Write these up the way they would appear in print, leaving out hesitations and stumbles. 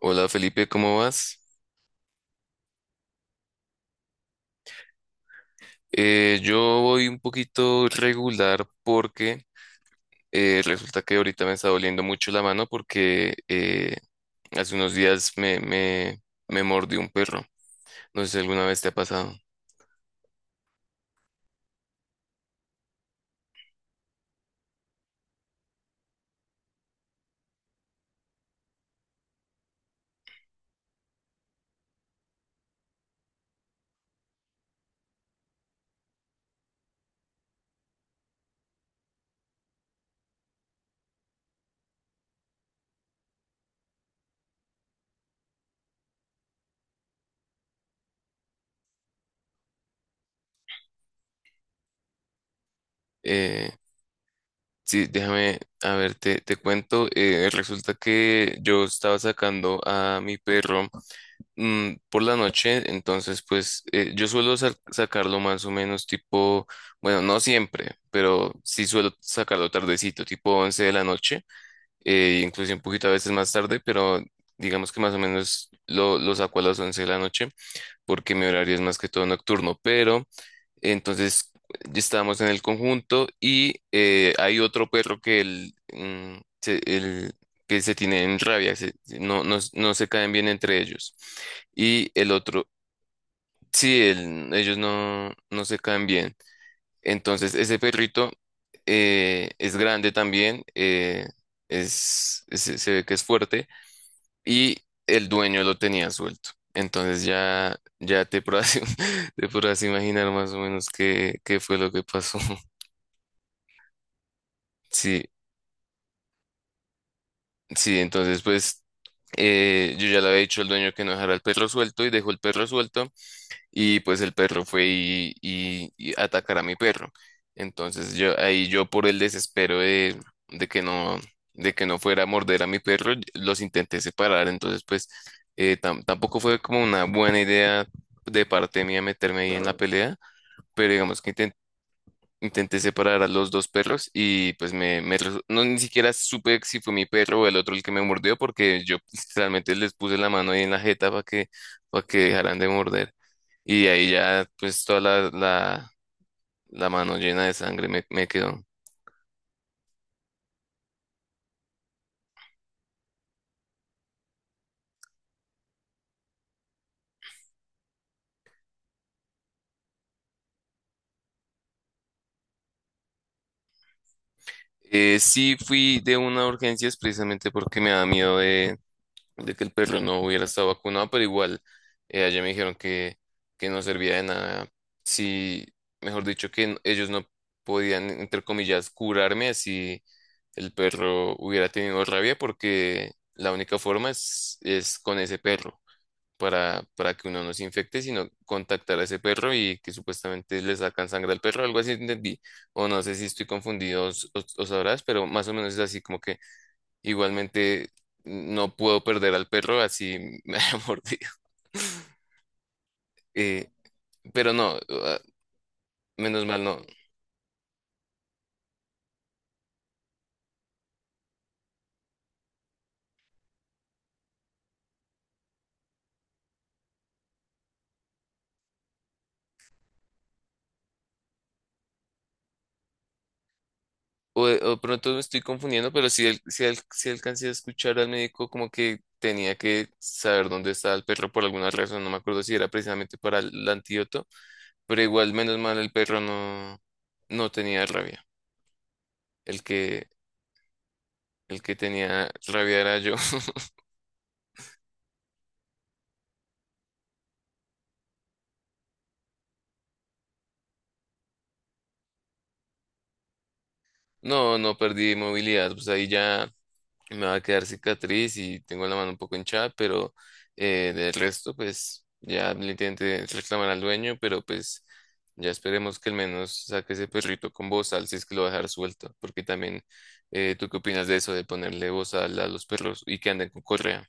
Hola Felipe, ¿cómo vas? Yo voy un poquito regular porque resulta que ahorita me está doliendo mucho la mano porque hace unos días me mordió un perro. No sé si alguna vez te ha pasado. Eh, sí, déjame, a ver, te cuento. Resulta que yo estaba sacando a mi perro. Por la noche, entonces pues yo suelo sacarlo más o menos tipo, bueno, no siempre, pero sí suelo sacarlo tardecito, tipo 11 de la noche, incluso un poquito a veces más tarde, pero digamos que más o menos lo saco a las 11 de la noche porque mi horario es más que todo nocturno, pero entonces ya estábamos en el conjunto y hay otro perro que él, mm, se, él- que se tiene en rabia, no, no, no se caen bien entre ellos. Y el otro, sí, ellos no, no se caen bien. Entonces ese perrito es grande también, se ve que es fuerte y el dueño lo tenía suelto. Entonces ya, ya te podrás, te podrás imaginar más o menos qué, qué fue lo que pasó. Sí, sí, entonces pues yo ya le había dicho al dueño que no dejara el perro suelto y dejó el perro suelto. Y pues el perro fue y a atacar a mi perro. Entonces yo ahí yo por el desespero de, de que no de que no fuera a morder a mi perro, los intenté separar. Entonces pues tampoco fue como una buena idea de parte mía meterme ahí en la pelea, pero digamos que intenté separar a los dos perros y pues no ni siquiera supe si fue mi perro o el otro el que me mordió porque yo realmente les puse la mano ahí en la jeta para que dejaran de morder. Y de ahí ya, pues toda la mano llena de sangre me quedó. Sí fui de una urgencia es precisamente porque me da miedo de que el perro no hubiera estado vacunado, pero igual allá me dijeron que no servía de nada. Sí, mejor dicho, que ellos no podían, entre comillas, curarme si el perro hubiera tenido rabia, porque la única forma es con ese perro. Para que uno no se infecte, sino contactar a ese perro y que supuestamente le sacan sangre al perro, algo así entendí. O no sé si estoy confundido o sabrás, pero más o menos es así como que igualmente no puedo perder al perro, así me ha mordido. Eh, pero no, ah, menos mal no. O pronto me estoy confundiendo, pero sí, sí, sí alcancé a escuchar al médico como que tenía que saber dónde estaba el perro por alguna razón, no me acuerdo si era precisamente para el antídoto, pero igual menos mal el perro no, no tenía rabia. El que, el que tenía rabia era yo. No, no perdí movilidad, pues ahí ya me va a quedar cicatriz y tengo la mano un poco hinchada, pero del resto, pues ya le intenté reclamar al dueño, pero pues ya esperemos que al menos saque ese perrito con bozal si es que lo va a dejar suelto, porque también, ¿tú qué opinas de eso, de ponerle bozal a los perros y que anden con correa?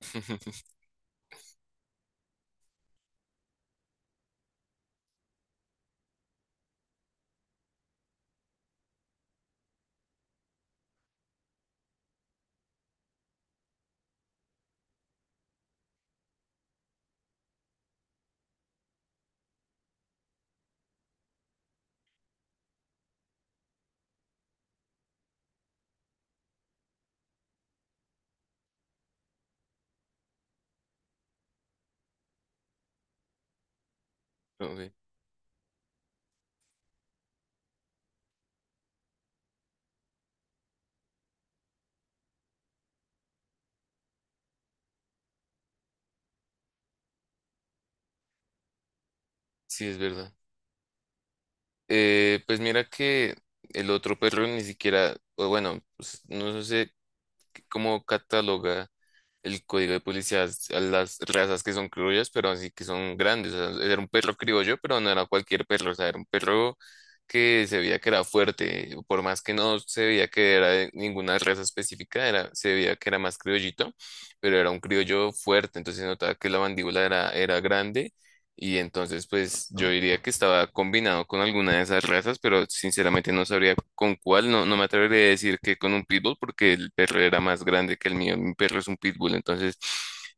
Ok. Sí, es verdad. Pues mira que el otro perro ni siquiera, o bueno, pues, no sé cómo cataloga el código de policías a las razas que son criollas, pero así que son grandes. O sea, era un perro criollo, pero no era cualquier perro, o sea, era un perro que se veía que era fuerte, por más que no se veía que era de ninguna raza específica, era, se veía que era más criollito, pero era un criollo fuerte, entonces se notaba que la mandíbula era, era grande y entonces, pues yo diría que estaba combinado con alguna de esas razas, pero sinceramente no sabría con cuál. No, no me atrevería a decir que con un pitbull, porque el perro era más grande que el mío. Mi perro es un pitbull, entonces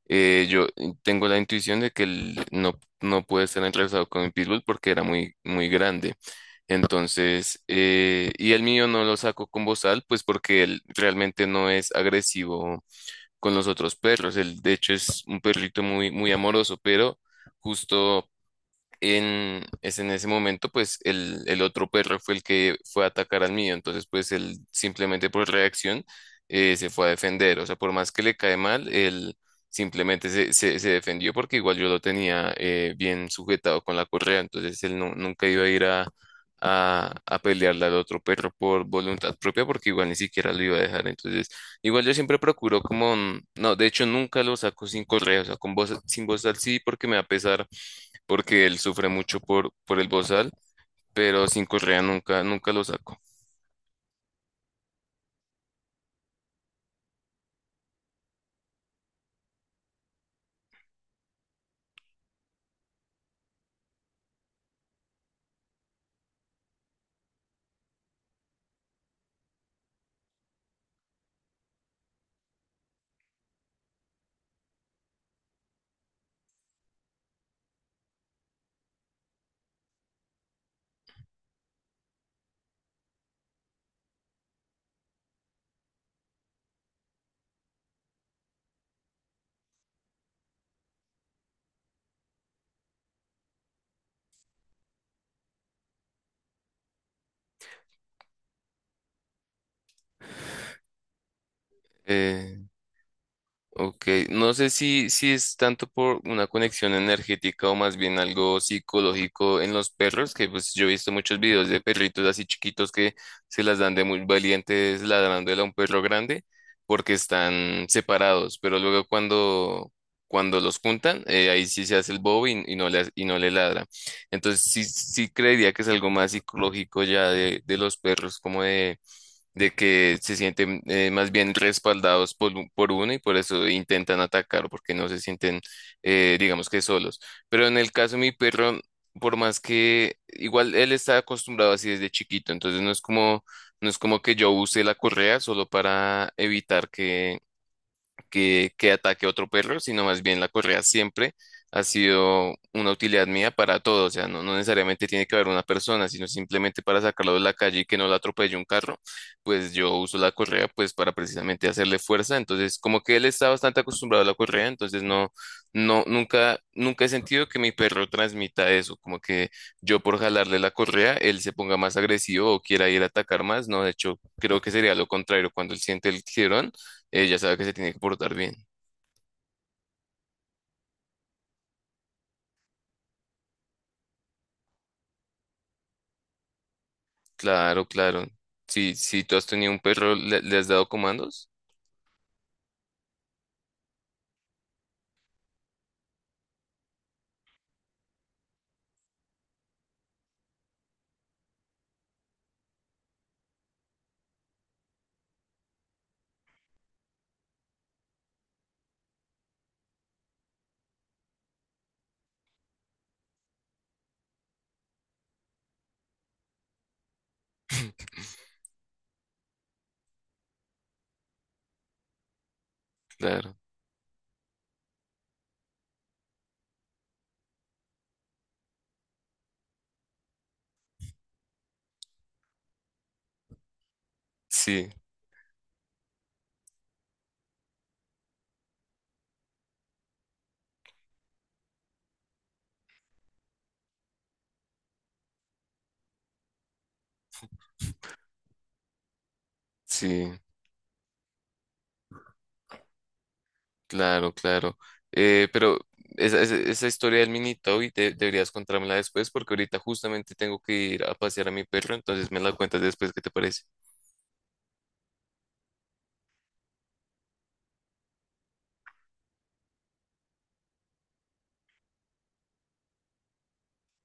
yo tengo la intuición de que él no, no puede estar entrelazado con un pitbull porque era muy, muy grande. Entonces, y el mío no lo saco con bozal, pues porque él realmente no es agresivo con los otros perros. Él, de hecho, es un perrito muy, muy amoroso, pero justo es en ese momento, pues el otro perro fue el que fue a atacar al mío, entonces pues él simplemente por reacción se fue a defender, o sea, por más que le cae mal, él simplemente se defendió porque igual yo lo tenía bien sujetado con la correa, entonces él nunca iba a ir a pelearle al otro perro por voluntad propia porque igual ni siquiera lo iba a dejar, entonces igual yo siempre procuro como, mm, no, de hecho nunca lo saco sin correa, o sea, con voz, sin voz al sí porque me va a pesar porque él sufre mucho por el bozal, pero sin Correa nunca, nunca lo saco. Eh, Ok, no sé si es tanto por una conexión energética o más bien algo psicológico en los perros, que pues yo he visto muchos videos de perritos así chiquitos que se las dan de muy valientes ladrándole a un perro grande porque están separados, pero luego cuando, cuando los juntan, ahí sí se hace el bobo y no le ladra. Entonces sí, sí creería que es algo más psicológico ya de los perros, como de que se sienten más bien respaldados por, por uno y por eso intentan atacar porque no se sienten, digamos que solos. Pero en el caso de mi perro, por más que igual él está acostumbrado así desde chiquito, entonces no es como, no es como que yo use la correa solo para evitar que que ataque a otro perro, sino más bien la correa siempre ha sido una utilidad mía para todo. O sea, no, no necesariamente tiene que haber una persona, sino simplemente para sacarlo de la calle y que no lo atropelle un carro, pues yo uso la correa pues para precisamente hacerle fuerza. Entonces, como que él está bastante acostumbrado a la correa, entonces no, no, nunca, nunca he sentido que mi perro transmita eso, como que yo por jalarle la correa, él se ponga más agresivo o quiera ir a atacar más. No, de hecho, creo que sería lo contrario. Cuando él siente el tirón, ella sabe que se tiene que portar bien. Claro, claro. Si, si tú has tenido un perro, ¿le, le has dado comandos? Claro. Sí, sí, claro, claro. Pero esa historia del mini Toby deberías contármela después porque ahorita justamente tengo que ir a pasear a mi perro, entonces me la cuentas después, ¿qué te parece?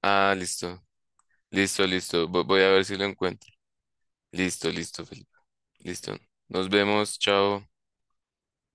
Ah, listo, listo, listo. Voy a ver si lo encuentro. Listo, listo, Felipe. Listo. Nos vemos, chao.